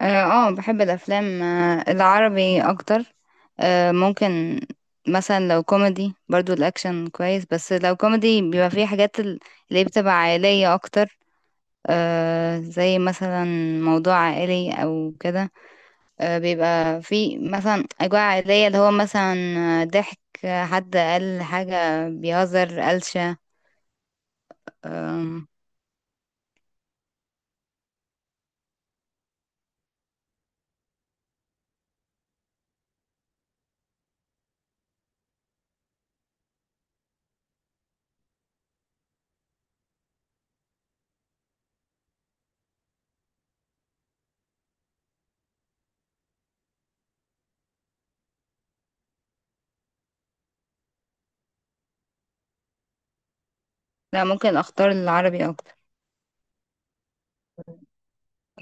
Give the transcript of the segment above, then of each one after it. اه، بحب الافلام العربي اكتر. ممكن مثلا لو كوميدي، برضو الاكشن كويس، بس لو كوميدي بيبقى فيه حاجات اللي بتبقى عائلية اكتر. زي مثلا موضوع عائلي او كده. بيبقى فيه مثلا اجواء عائلية، اللي هو مثلا ضحك، حد قال حاجة بيهزر، قلشة. آم، لا، ممكن اختار العربي،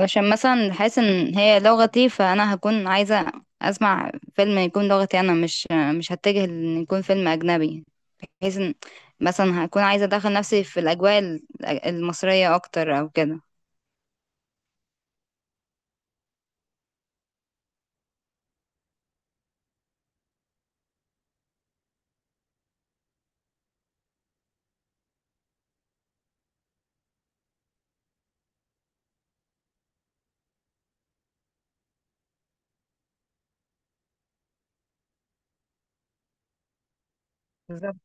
علشان مثلا حاسس ان هي لغتي، فانا هكون عايزة اسمع فيلم يكون لغتي انا، مش مش هتجه ان يكون فيلم اجنبي، بحيث ان مثلا هكون عايزة ادخل نفسي في الاجواء المصرية اكتر او كده. بالظبط.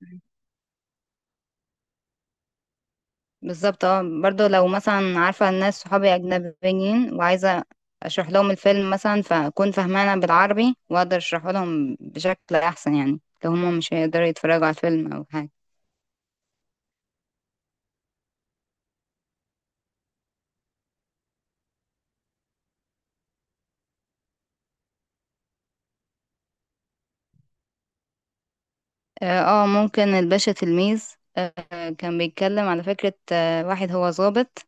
بالظبط، اه، برضو لو مثلا عارفة الناس صحابي أجنبيين، وعايزة أشرح لهم الفيلم مثلا، فأكون فاهمانة بالعربي وأقدر أشرحه لهم بشكل أحسن، يعني لو هما مش هيقدروا يتفرجوا على الفيلم أو حاجة. اه، ممكن الباشا تلميذ. آه، كان بيتكلم على فكرة، آه، واحد هو ضابط،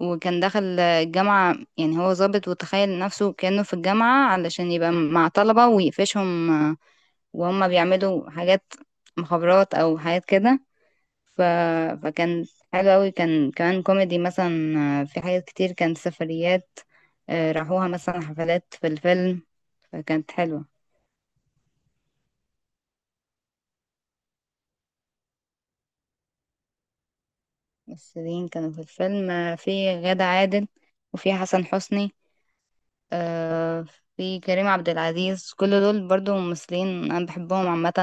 وكان دخل الجامعة، يعني هو ضابط وتخيل نفسه كأنه في الجامعة علشان يبقى مع طلبة ويقفشهم، آه، وهم بيعملوا حاجات مخابرات أو حاجات كده. ف... فكان حلو أوي، كان كمان كوميدي. مثلا في حاجات كتير، كانت سفريات، آه، راحوها مثلا حفلات في الفيلم، فكانت حلوة. الممثلين كانوا في الفيلم، آه، في غادة عادل، وفي حسن حسني، آه، في كريم عبد العزيز، كل دول برضو ممثلين أنا بحبهم عامة.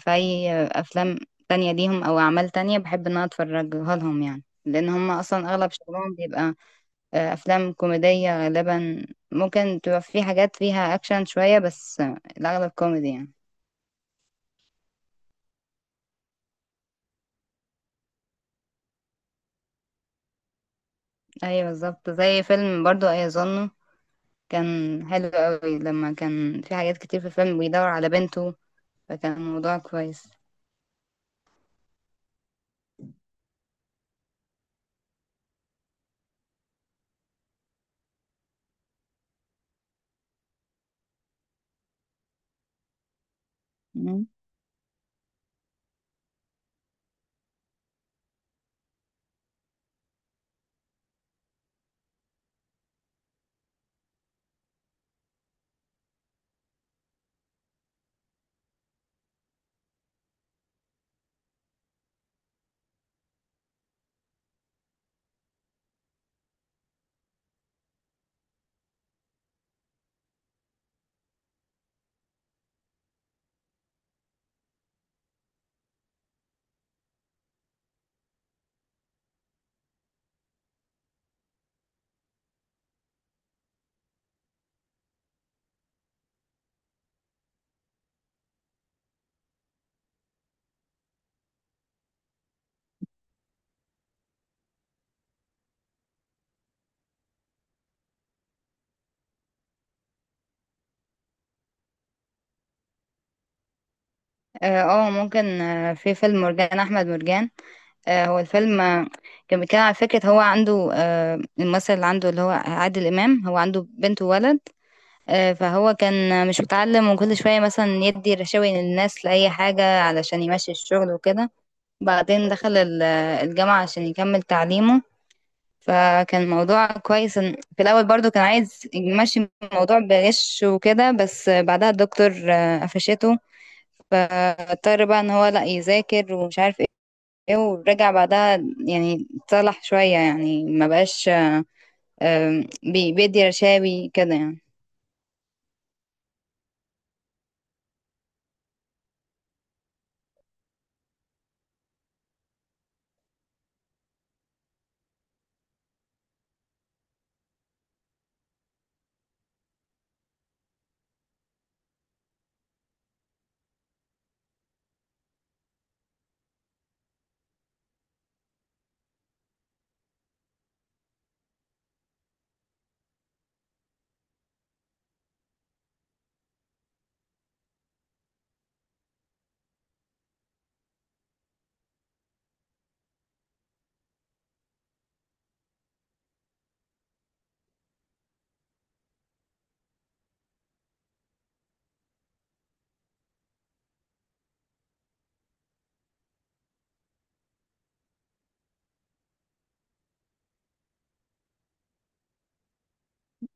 في أي أفلام تانية ليهم أو أعمال تانية بحب إن أنا أتفرجها لهم، يعني لأن هم أصلا أغلب شغلهم بيبقى أفلام كوميدية غالبا. ممكن تبقى في حاجات فيها أكشن شوية، بس الأغلب كوميدي يعني. أيوة بالظبط، زي فيلم برضو أيظنه كان حلو قوي، لما كان في حاجات كتير في الفيلم بيدور على بنته، فكان الموضوع كويس. اه، ممكن، في فيلم مرجان احمد مرجان. هو الفيلم، كان بيتكلم على فكرة، هو عنده، آه، الممثل اللي عنده اللي هو عادل امام، هو عنده بنت وولد. آه، فهو كان مش متعلم، وكل شوية مثلا يدي رشاوي للناس لأي حاجة علشان يمشي الشغل وكده. بعدين دخل الجامعة عشان يكمل تعليمه، فكان الموضوع كويس. في الأول برضو كان عايز يمشي الموضوع بغش وكده، بس بعدها الدكتور، آه، قفشته، فاضطر بقى ان هو لا يذاكر، ومش عارف ايه، ورجع بعدها، يعني اتصلح شوية، يعني ما بقاش بيدي رشاوي كده يعني.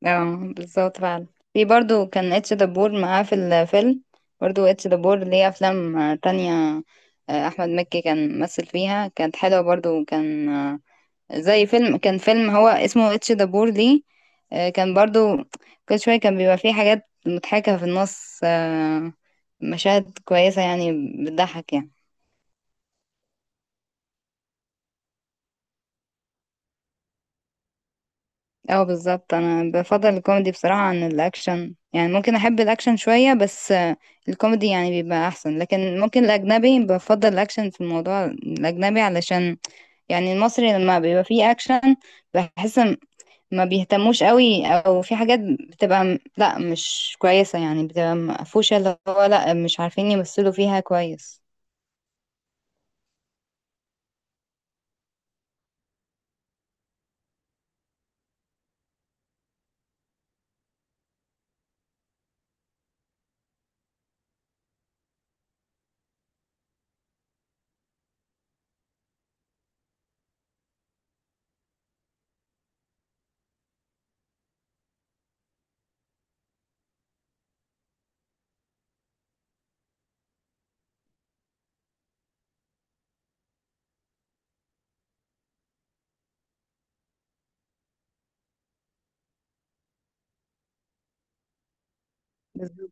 اه بالظبط فعلا. في برضو كان اتش دبور معاه في الفيلم. برضو اتش دبور ليه افلام تانية. آه، احمد مكي كان ممثل فيها، كانت حلوة برضو، كان، آه، زي فيلم، كان فيلم هو اسمه اتش دبور دي، آه، كان برضو كل شوية كان بيبقى فيه حاجات مضحكة في النص، آه، مشاهد كويسة يعني، بتضحك يعني. اه بالظبط، انا بفضل الكوميدي بصراحة عن الاكشن، يعني ممكن احب الاكشن شوية، بس الكوميدي يعني بيبقى احسن. لكن ممكن الاجنبي بفضل الاكشن في الموضوع الاجنبي، علشان يعني المصري لما بيبقى فيه اكشن بحس ما بيهتموش قوي، او في حاجات بتبقى لا مش كويسة يعني، بتبقى مقفوشة، اللي هو لا مش عارفين يمثلوا فيها كويس. بالظبط.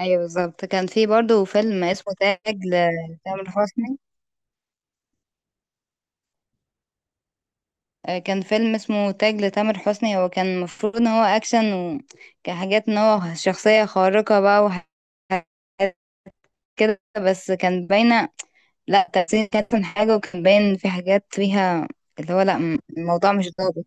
ايوه بالظبط، كان في برضو فيلم اسمه تاج لتامر حسني. آه، كان فيلم اسمه تاج لتامر حسني، هو كان المفروض ان هو اكشن، وكحاجات ان هو شخصية خارقة بقى وحاجات كده، بس كان باينة لا، تمثيل كانت أحسن حاجة، وكان باين في حاجات فيها اللي هو لا الموضوع مش ضابط.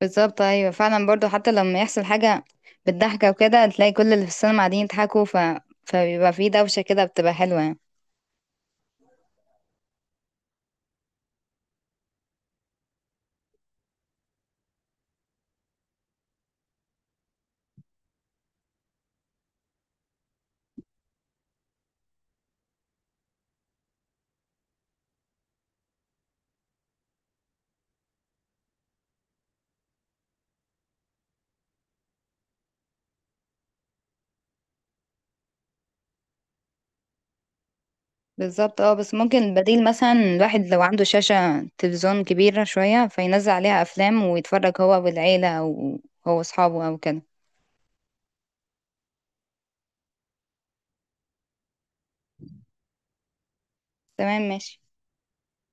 بالظبط ايوه فعلا، برضو حتى لما يحصل حاجه بالضحكه وكده، تلاقي كل اللي في السينما قاعدين يضحكوا، فبيبقى في دوشه كده، بتبقى حلوه يعني. بالظبط اه، بس ممكن البديل مثلا الواحد لو عنده شاشه تلفزيون كبيره شويه، فينزل عليها افلام ويتفرج هو والعيله، او هو اصحابه او كده. تمام، ماشي.